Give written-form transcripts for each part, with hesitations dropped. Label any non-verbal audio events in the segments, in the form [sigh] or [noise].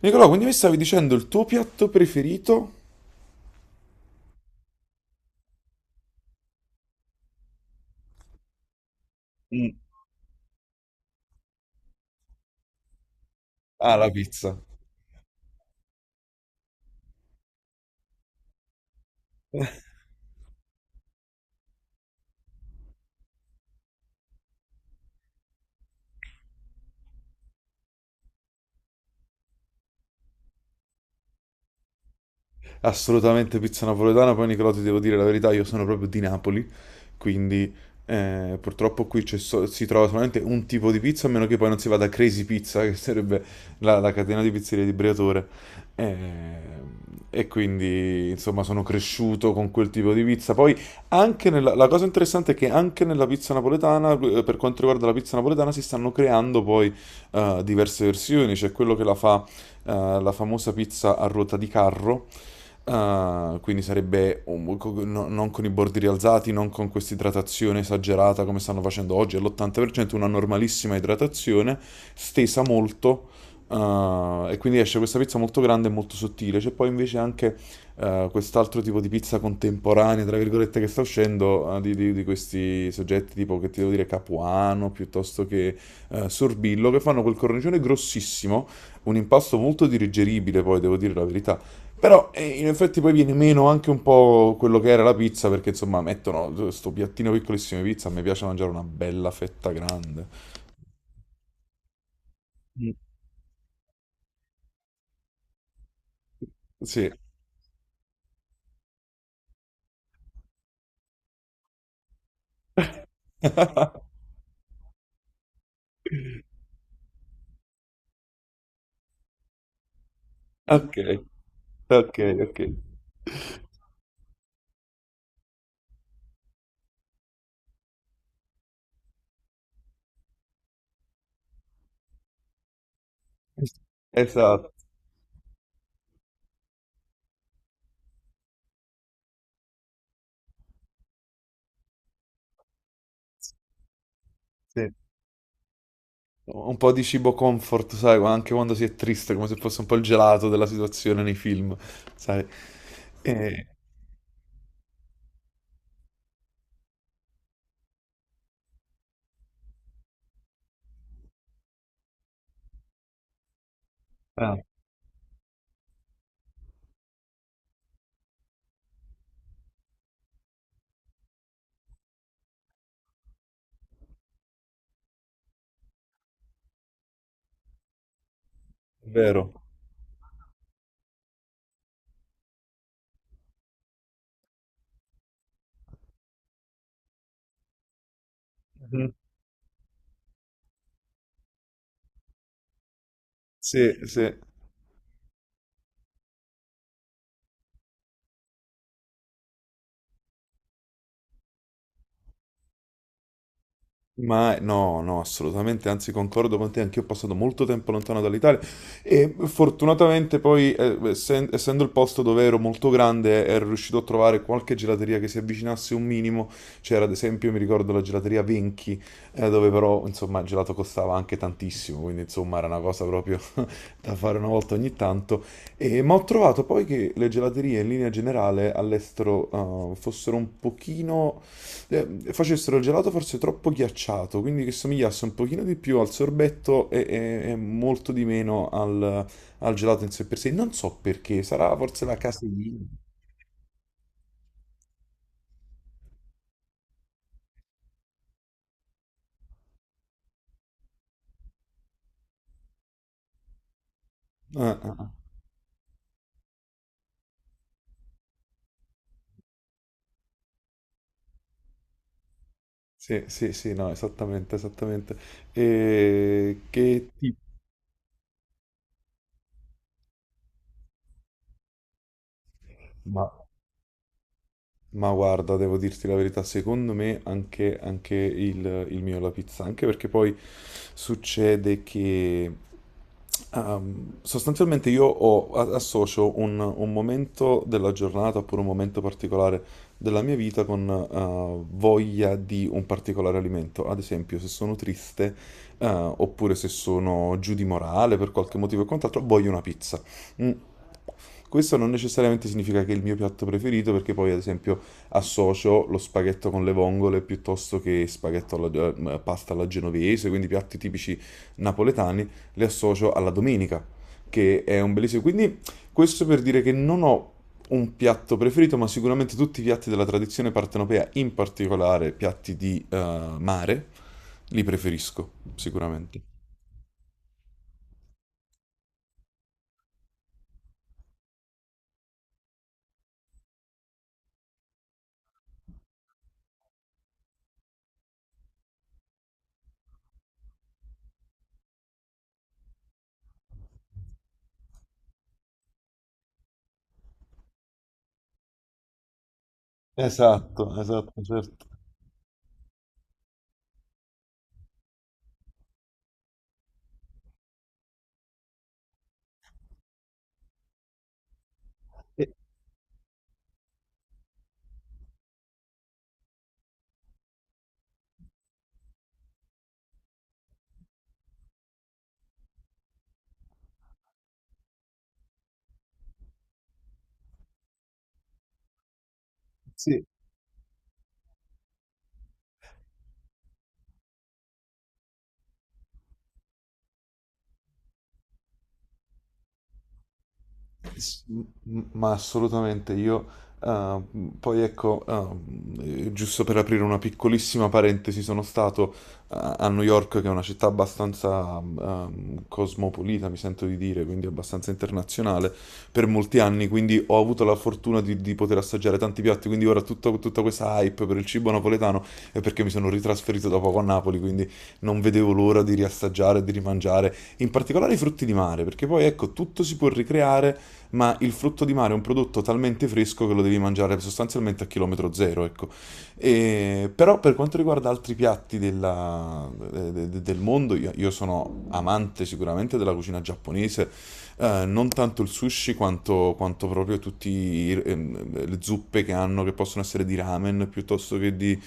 Nicolò, quindi mi stavi dicendo il tuo piatto preferito? Mm. Ah, la pizza. Assolutamente pizza napoletana. Poi, Nicolò, ti devo dire la verità, io sono proprio di Napoli, quindi purtroppo qui si trova solamente un tipo di pizza, a meno che poi non si vada a Crazy Pizza, che sarebbe la catena di pizzerie di Briatore. Eh, E quindi, insomma, sono cresciuto con quel tipo di pizza. Poi, la cosa interessante è che anche nella pizza napoletana, per quanto riguarda la pizza napoletana, si stanno creando poi diverse versioni. C'è quello che la fa, la famosa pizza a ruota di carro. Ah, quindi sarebbe non con i bordi rialzati, non con questa idratazione esagerata come stanno facendo oggi, all'80%, una normalissima idratazione, stesa molto, ah, e quindi esce questa pizza molto grande e molto sottile. C'è poi invece anche quest'altro tipo di pizza contemporanea, tra virgolette, che sta uscendo, di questi soggetti tipo, che ti devo dire, Capuano, piuttosto che Sorbillo, che fanno quel cornicione grossissimo, un impasto molto digeribile, poi devo dire la verità. Però in effetti poi viene meno anche un po' quello che era la pizza, perché insomma mettono questo piattino piccolissimo di pizza, mi piace mangiare una bella fetta grande. Mm. Sì. [laughs] Ok, ok, ok. Esatto, sì. Un po' di cibo comfort, sai, anche quando si è triste, come se fosse un po' il gelato della situazione nei film, sai. Eh, ah, è vero. Mhm. Sì, sì. Ma no, no, assolutamente, anzi concordo con te, anch'io ho passato molto tempo lontano dall'Italia e fortunatamente poi, essendo il posto dove ero molto grande, ero riuscito a trovare qualche gelateria che si avvicinasse un minimo. C'era ad esempio, mi ricordo, la gelateria Venchi, dove però, insomma, il gelato costava anche tantissimo, quindi insomma era una cosa proprio [laughs] da fare una volta ogni tanto. Ma ho trovato poi che le gelaterie in linea generale all'estero fossero un pochino... eh, facessero il gelato forse troppo ghiacciato, quindi che somigliasse un pochino di più al sorbetto e, e molto di meno al, al gelato in sé per sé. Non so perché, sarà forse la caseina. Ah, ah, ah. Sì, sì, sì, no, esattamente, esattamente. E che tipo? Ma guarda, devo dirti la verità, secondo me anche, anche il mio alla pizza, anche perché poi succede che sostanzialmente associo un momento della giornata oppure un momento particolare della mia vita con voglia di un particolare alimento. Ad esempio, se sono triste oppure se sono giù di morale per qualche motivo e quant'altro, voglio una pizza. Mm, questo non necessariamente significa che è il mio piatto preferito, perché poi ad esempio associo lo spaghetto con le vongole piuttosto che pasta alla genovese, quindi piatti tipici napoletani, li associo alla domenica, che è un bellissimo... Quindi questo per dire che non ho un piatto preferito, ma sicuramente tutti i piatti della tradizione partenopea, in particolare piatti di mare, li preferisco, sicuramente. Esatto, esatto, certo. Eh, sì. Ma assolutamente io, eh, poi ecco, giusto per aprire una piccolissima parentesi, sono stato a New York, che è una città abbastanza cosmopolita, mi sento di dire, quindi abbastanza internazionale, per molti anni, quindi ho avuto la fortuna di poter assaggiare tanti piatti, quindi ora tutta questa hype per il cibo napoletano è perché mi sono ritrasferito da poco a Napoli, quindi non vedevo l'ora di riassaggiare, di rimangiare, in particolare i frutti di mare, perché poi ecco, tutto si può ricreare, ma il frutto di mare è un prodotto talmente fresco che lo devi mangiare sostanzialmente a chilometro zero, ecco. Però per quanto riguarda altri piatti del mondo, io sono amante sicuramente della cucina giapponese, non tanto il sushi quanto, quanto proprio tutte le zuppe che hanno, che possono essere di ramen piuttosto che di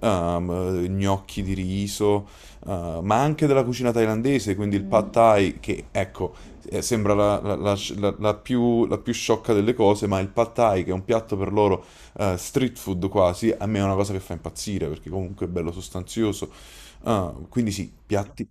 gnocchi di riso, ma anche della cucina thailandese, quindi il pad thai, che ecco, sembra la più sciocca delle cose, ma il pad thai, che è un piatto per loro street food quasi, a me è una cosa che fa impazzire, perché comunque è bello sostanzioso. Ah, quindi sì, piatti.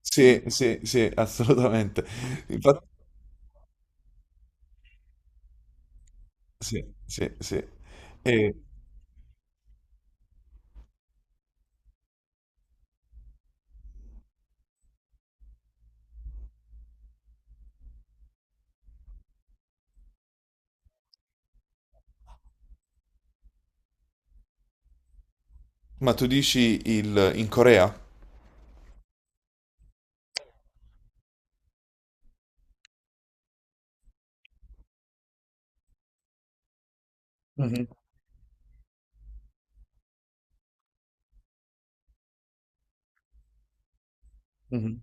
Sì, sì, sì, assolutamente. Infatti, sì, sì, sì. E- ma tu dici il, in Corea? Mhm, mhm.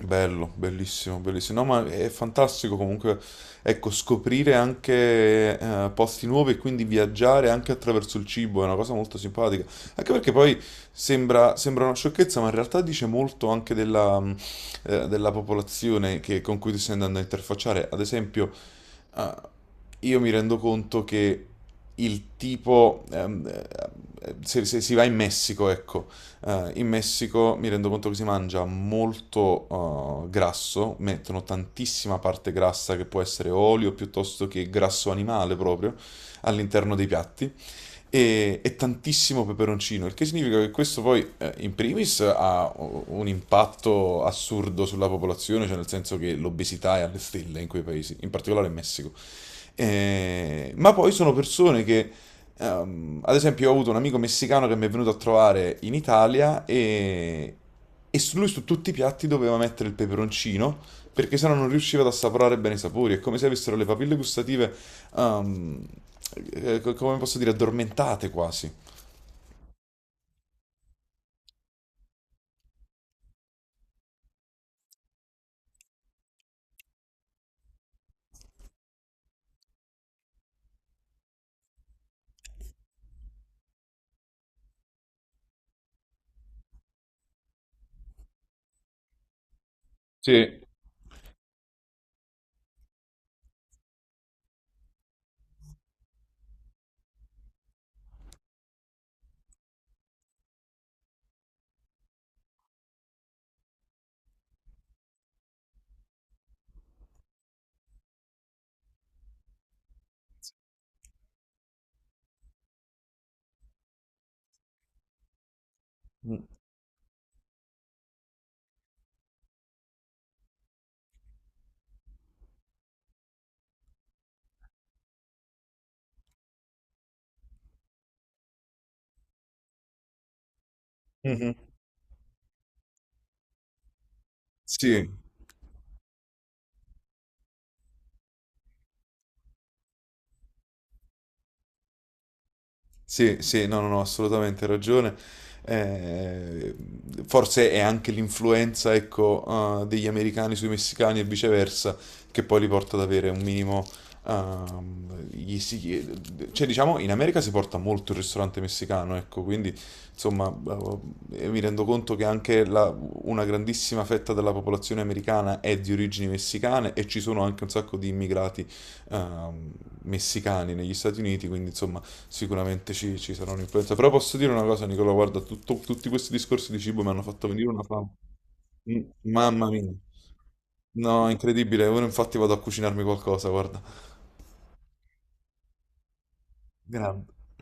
Bello, bellissimo, bellissimo. No, ma è fantastico comunque, ecco, scoprire anche posti nuovi e quindi viaggiare anche attraverso il cibo è una cosa molto simpatica. Anche perché poi sembra, sembra una sciocchezza, ma in realtà dice molto anche della, della popolazione con cui ti stai andando a interfacciare. Ad esempio, eh, io mi rendo conto che il tipo, se, se si va in Messico, ecco. In Messico mi rendo conto che si mangia molto grasso, mettono tantissima parte grassa che può essere olio piuttosto che grasso animale proprio all'interno dei piatti e tantissimo peperoncino, il che significa che questo poi in primis ha un impatto assurdo sulla popolazione, cioè nel senso che l'obesità è alle stelle in quei paesi, in particolare in Messico. Ma poi sono persone che, ad esempio, ho avuto un amico messicano che mi è venuto a trovare in Italia e su lui su tutti i piatti doveva mettere il peperoncino perché sennò non riusciva ad assaporare bene i sapori. È come se avessero le papille gustative, ehm, come posso dire, addormentate quasi. Sì. Mm. Mhm. Sì. Sì, sì, no, no, no, assolutamente ragione. Eh, Forse è anche l'influenza, ecco, degli americani sui messicani e viceversa, che poi li porta ad avere un minimo. ehm, gli si- cioè, diciamo, in America si porta molto il ristorante messicano, ecco, quindi insomma, mi rendo conto che anche una grandissima fetta della popolazione americana è di origini messicane e ci sono anche un sacco di immigrati ehm, messicani negli Stati Uniti, quindi insomma sicuramente ci, ci sarà un'influenza. Però posso dire una cosa, Nicola, guarda, tutti questi discorsi di cibo mi hanno fatto venire una fame. Mm, mamma mia. No, incredibile. Ora infatti vado a cucinarmi qualcosa, guarda. Grande.